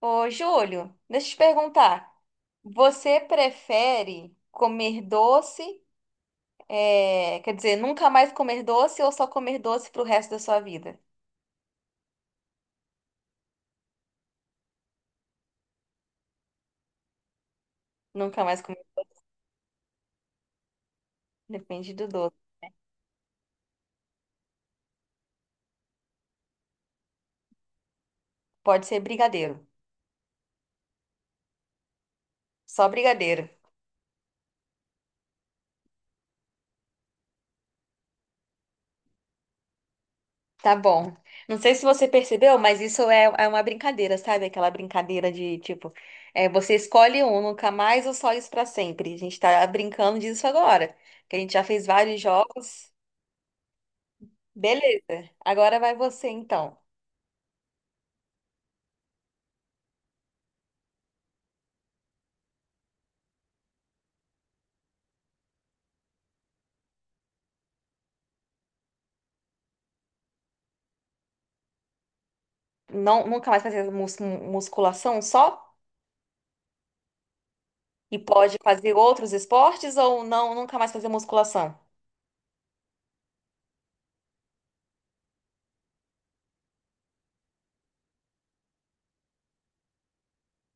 Ô, Júlio, deixa eu te perguntar. Você prefere comer doce, nunca mais comer doce ou só comer doce pro resto da sua vida? Nunca mais comer, depende do doce. Pode ser brigadeiro, só brigadeiro. Tá bom. Não sei se você percebeu, mas isso é uma brincadeira, sabe? Aquela brincadeira de tipo, é, você escolhe um, nunca mais ou só isso pra sempre. A gente tá brincando disso agora, que a gente já fez vários jogos. Beleza. Agora vai você então. Não, nunca mais fazer musculação só? E pode fazer outros esportes ou não, nunca mais fazer musculação?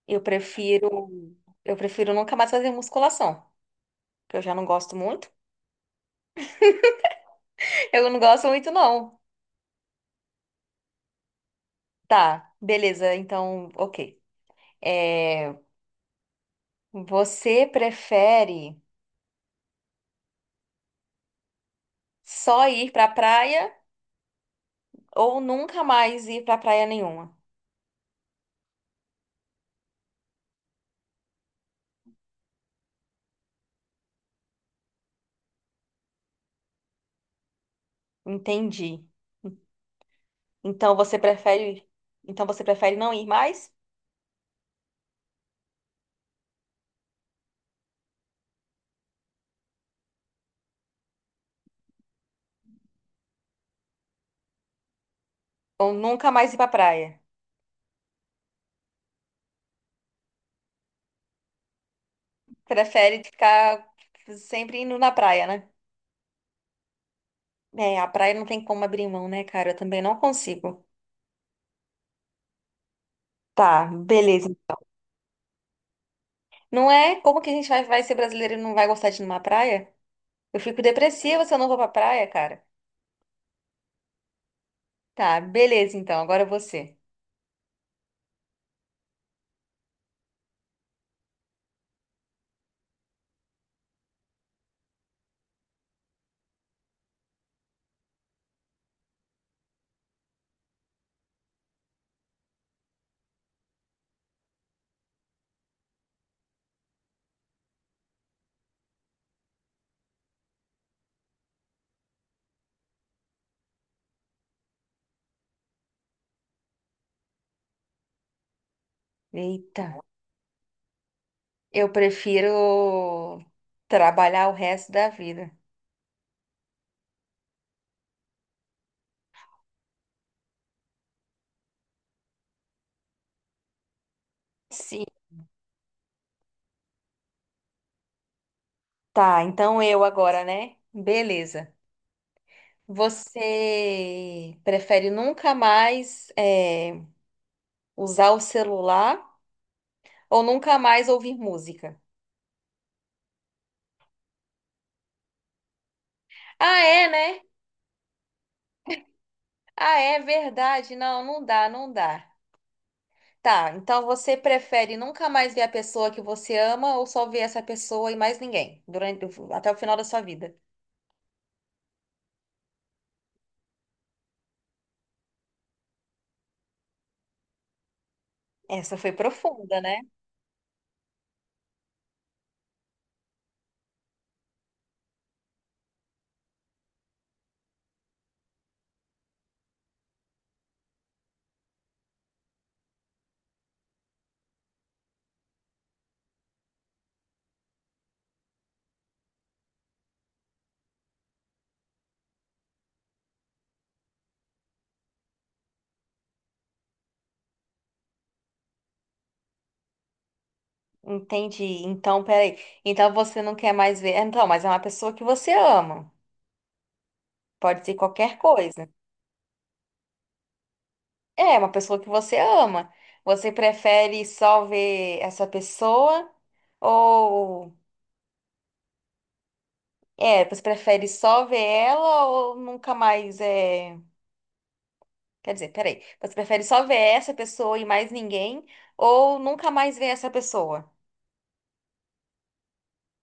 Eu prefiro, eu prefiro nunca mais fazer musculação, que eu já não gosto muito. Eu não gosto muito, não. Tá, beleza, então, ok. É, você prefere só ir pra praia ou nunca mais ir pra praia nenhuma? Entendi. Então você prefere, então você prefere não ir mais ou nunca mais ir pra praia? Prefere ficar sempre indo na praia, né? É, a praia não tem como abrir mão, né, cara? Eu também não consigo. Tá, beleza. Não é como que a gente vai ser brasileiro e não vai gostar de ir numa praia? Eu fico depressiva se eu não vou pra praia, cara. Tá, beleza, então. Agora você. Eita, eu prefiro trabalhar o resto da vida. Sim. Tá, então eu agora, né? Beleza. Você prefere nunca mais usar o celular? Ou nunca mais ouvir música. Ah, é, né? Ah, é verdade. Não, não dá, não dá. Tá, então você prefere nunca mais ver a pessoa que você ama ou só ver essa pessoa e mais ninguém durante até o final da sua vida? Essa foi profunda, né? Entendi. Então, peraí. Então você não quer mais ver. Então, mas é uma pessoa que você ama. Pode ser qualquer coisa. É, uma pessoa que você ama. Você prefere só ver essa pessoa ou é, você prefere só ver ela ou nunca mais é. Quer dizer, peraí. Você prefere só ver essa pessoa e mais ninguém? Ou nunca mais ver essa pessoa?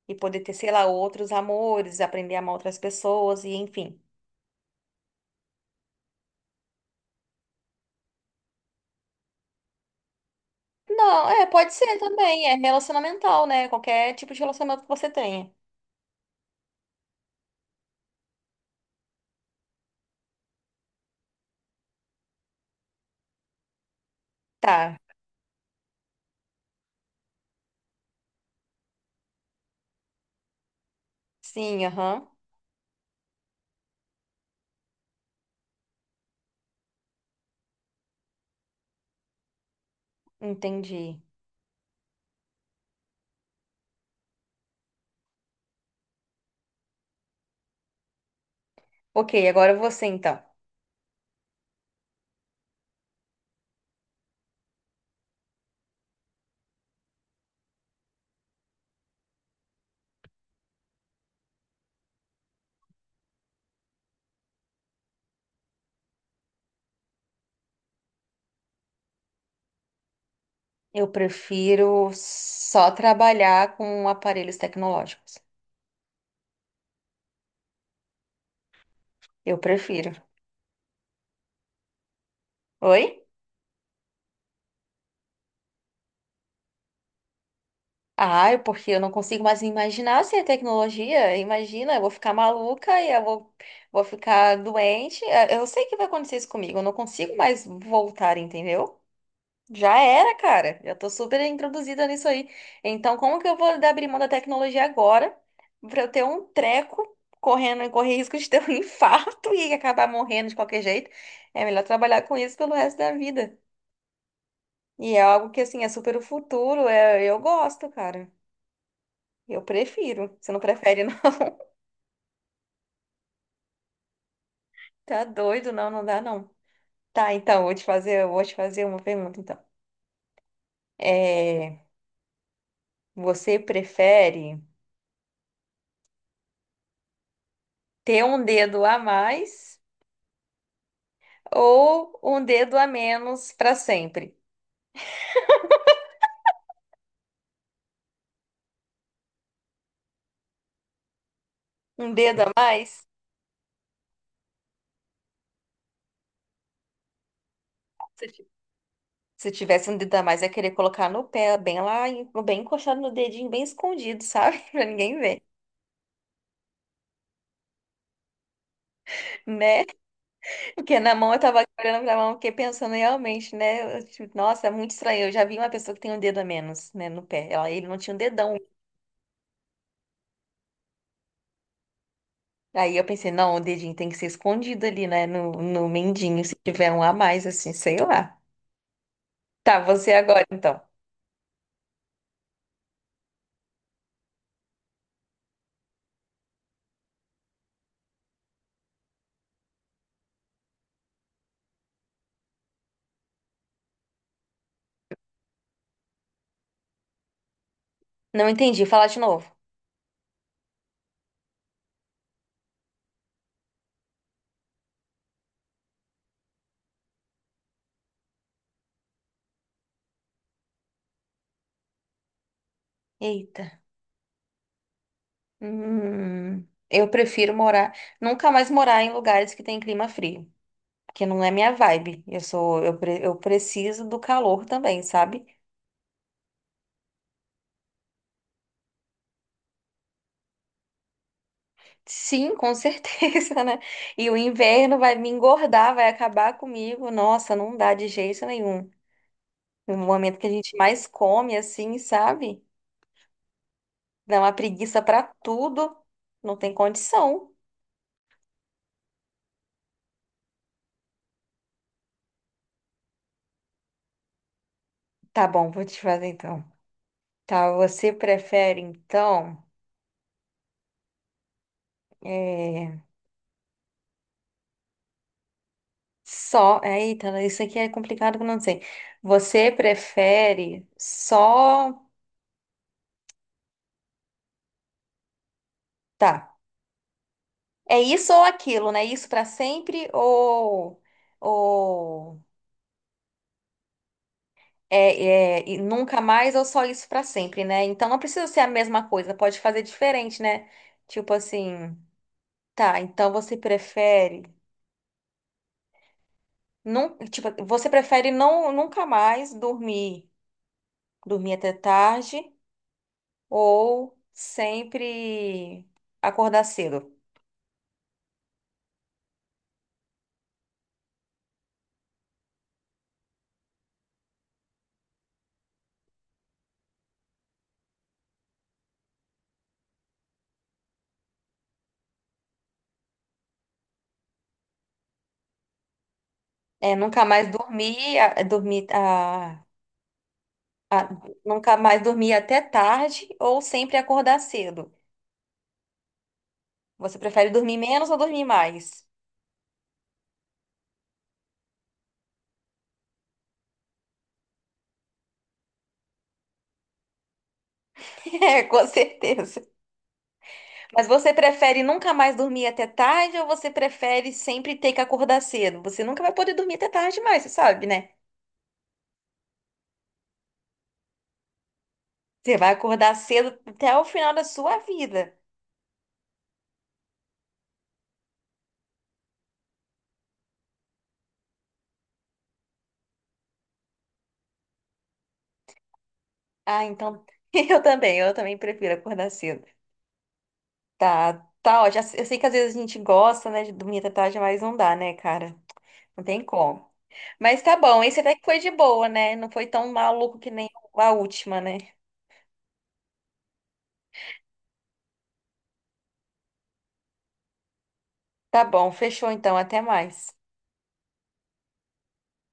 E poder ter, sei lá, outros amores, aprender a amar outras pessoas e enfim. Não, é, pode ser também. É relacionamental, né? Qualquer tipo de relacionamento que você tenha. Tá. Sim, aham. Entendi. Ok, agora você então. Eu prefiro só trabalhar com aparelhos tecnológicos. Eu prefiro. Oi? Ah, porque eu não consigo mais me imaginar sem a tecnologia. Imagina, eu vou ficar maluca e eu vou, vou ficar doente. Eu sei que vai acontecer isso comigo. Eu não consigo mais voltar, entendeu? Já era, cara. Já tô super introduzida nisso aí. Então, como que eu vou abrir mão da tecnologia agora pra eu ter um treco correndo e correr risco de ter um infarto e acabar morrendo de qualquer jeito? É melhor trabalhar com isso pelo resto da vida. E é algo que, assim, é super o futuro. É, eu gosto, cara. Eu prefiro. Você não prefere, não? Tá doido? Não, não dá, não. Tá, então, vou te fazer, eu vou te fazer uma pergunta, então. É, você prefere ter um dedo a mais ou um dedo a menos pra sempre? Um dedo a mais? Se ti- Se tivesse um dedo a mais, ia querer colocar no pé, bem lá, bem encostado no dedinho, bem escondido, sabe? Pra ninguém ver, né? Porque na mão eu tava aqui olhando pra mão, fiquei pensando realmente, né? Eu, tipo, nossa, é muito estranho. Eu já vi uma pessoa que tem um dedo a menos, né, no pé. Ela, ele não tinha um dedão. Aí eu pensei, não, o dedinho tem que ser escondido ali, né, no mindinho, se tiver um a mais, assim, sei lá. Tá, você agora, então. Não entendi, fala de novo. Eita. Eu prefiro morar, nunca mais morar em lugares que tem clima frio, porque não é minha vibe. Eu preciso do calor também, sabe? Sim, com certeza, né? E o inverno vai me engordar, vai acabar comigo. Nossa, não dá de jeito nenhum. No momento que a gente mais come, assim, sabe? Dá uma preguiça pra tudo. Não tem condição. Tá bom, vou te fazer então. Tá, você prefere então. É... Só. Eita, isso aqui é complicado que eu não sei. Você prefere só. Tá. É isso ou aquilo, né? Isso pra sempre ou. Ou. É, é, e nunca mais ou só isso pra sempre, né? Então não precisa ser a mesma coisa, pode fazer diferente, né? Tipo assim, tá, então você prefere não, tipo, você prefere não nunca mais dormir, dormir até tarde ou sempre acordar cedo? É, nunca mais dormir, a- a- nunca mais dormir até tarde ou sempre acordar cedo? Você prefere dormir menos ou dormir mais? É, com certeza. Mas você prefere nunca mais dormir até tarde ou você prefere sempre ter que acordar cedo? Você nunca vai poder dormir até tarde mais, você sabe, né? Você vai acordar cedo até o final da sua vida. Ah, então eu também prefiro acordar cedo. Tá, tá ótimo. Eu sei que às vezes a gente gosta, né, de dormir até tarde, mas não dá, né, cara? Não tem como. Mas tá bom, esse até que foi de boa, né? Não foi tão maluco que nem a última, né? Tá bom, fechou então, até mais.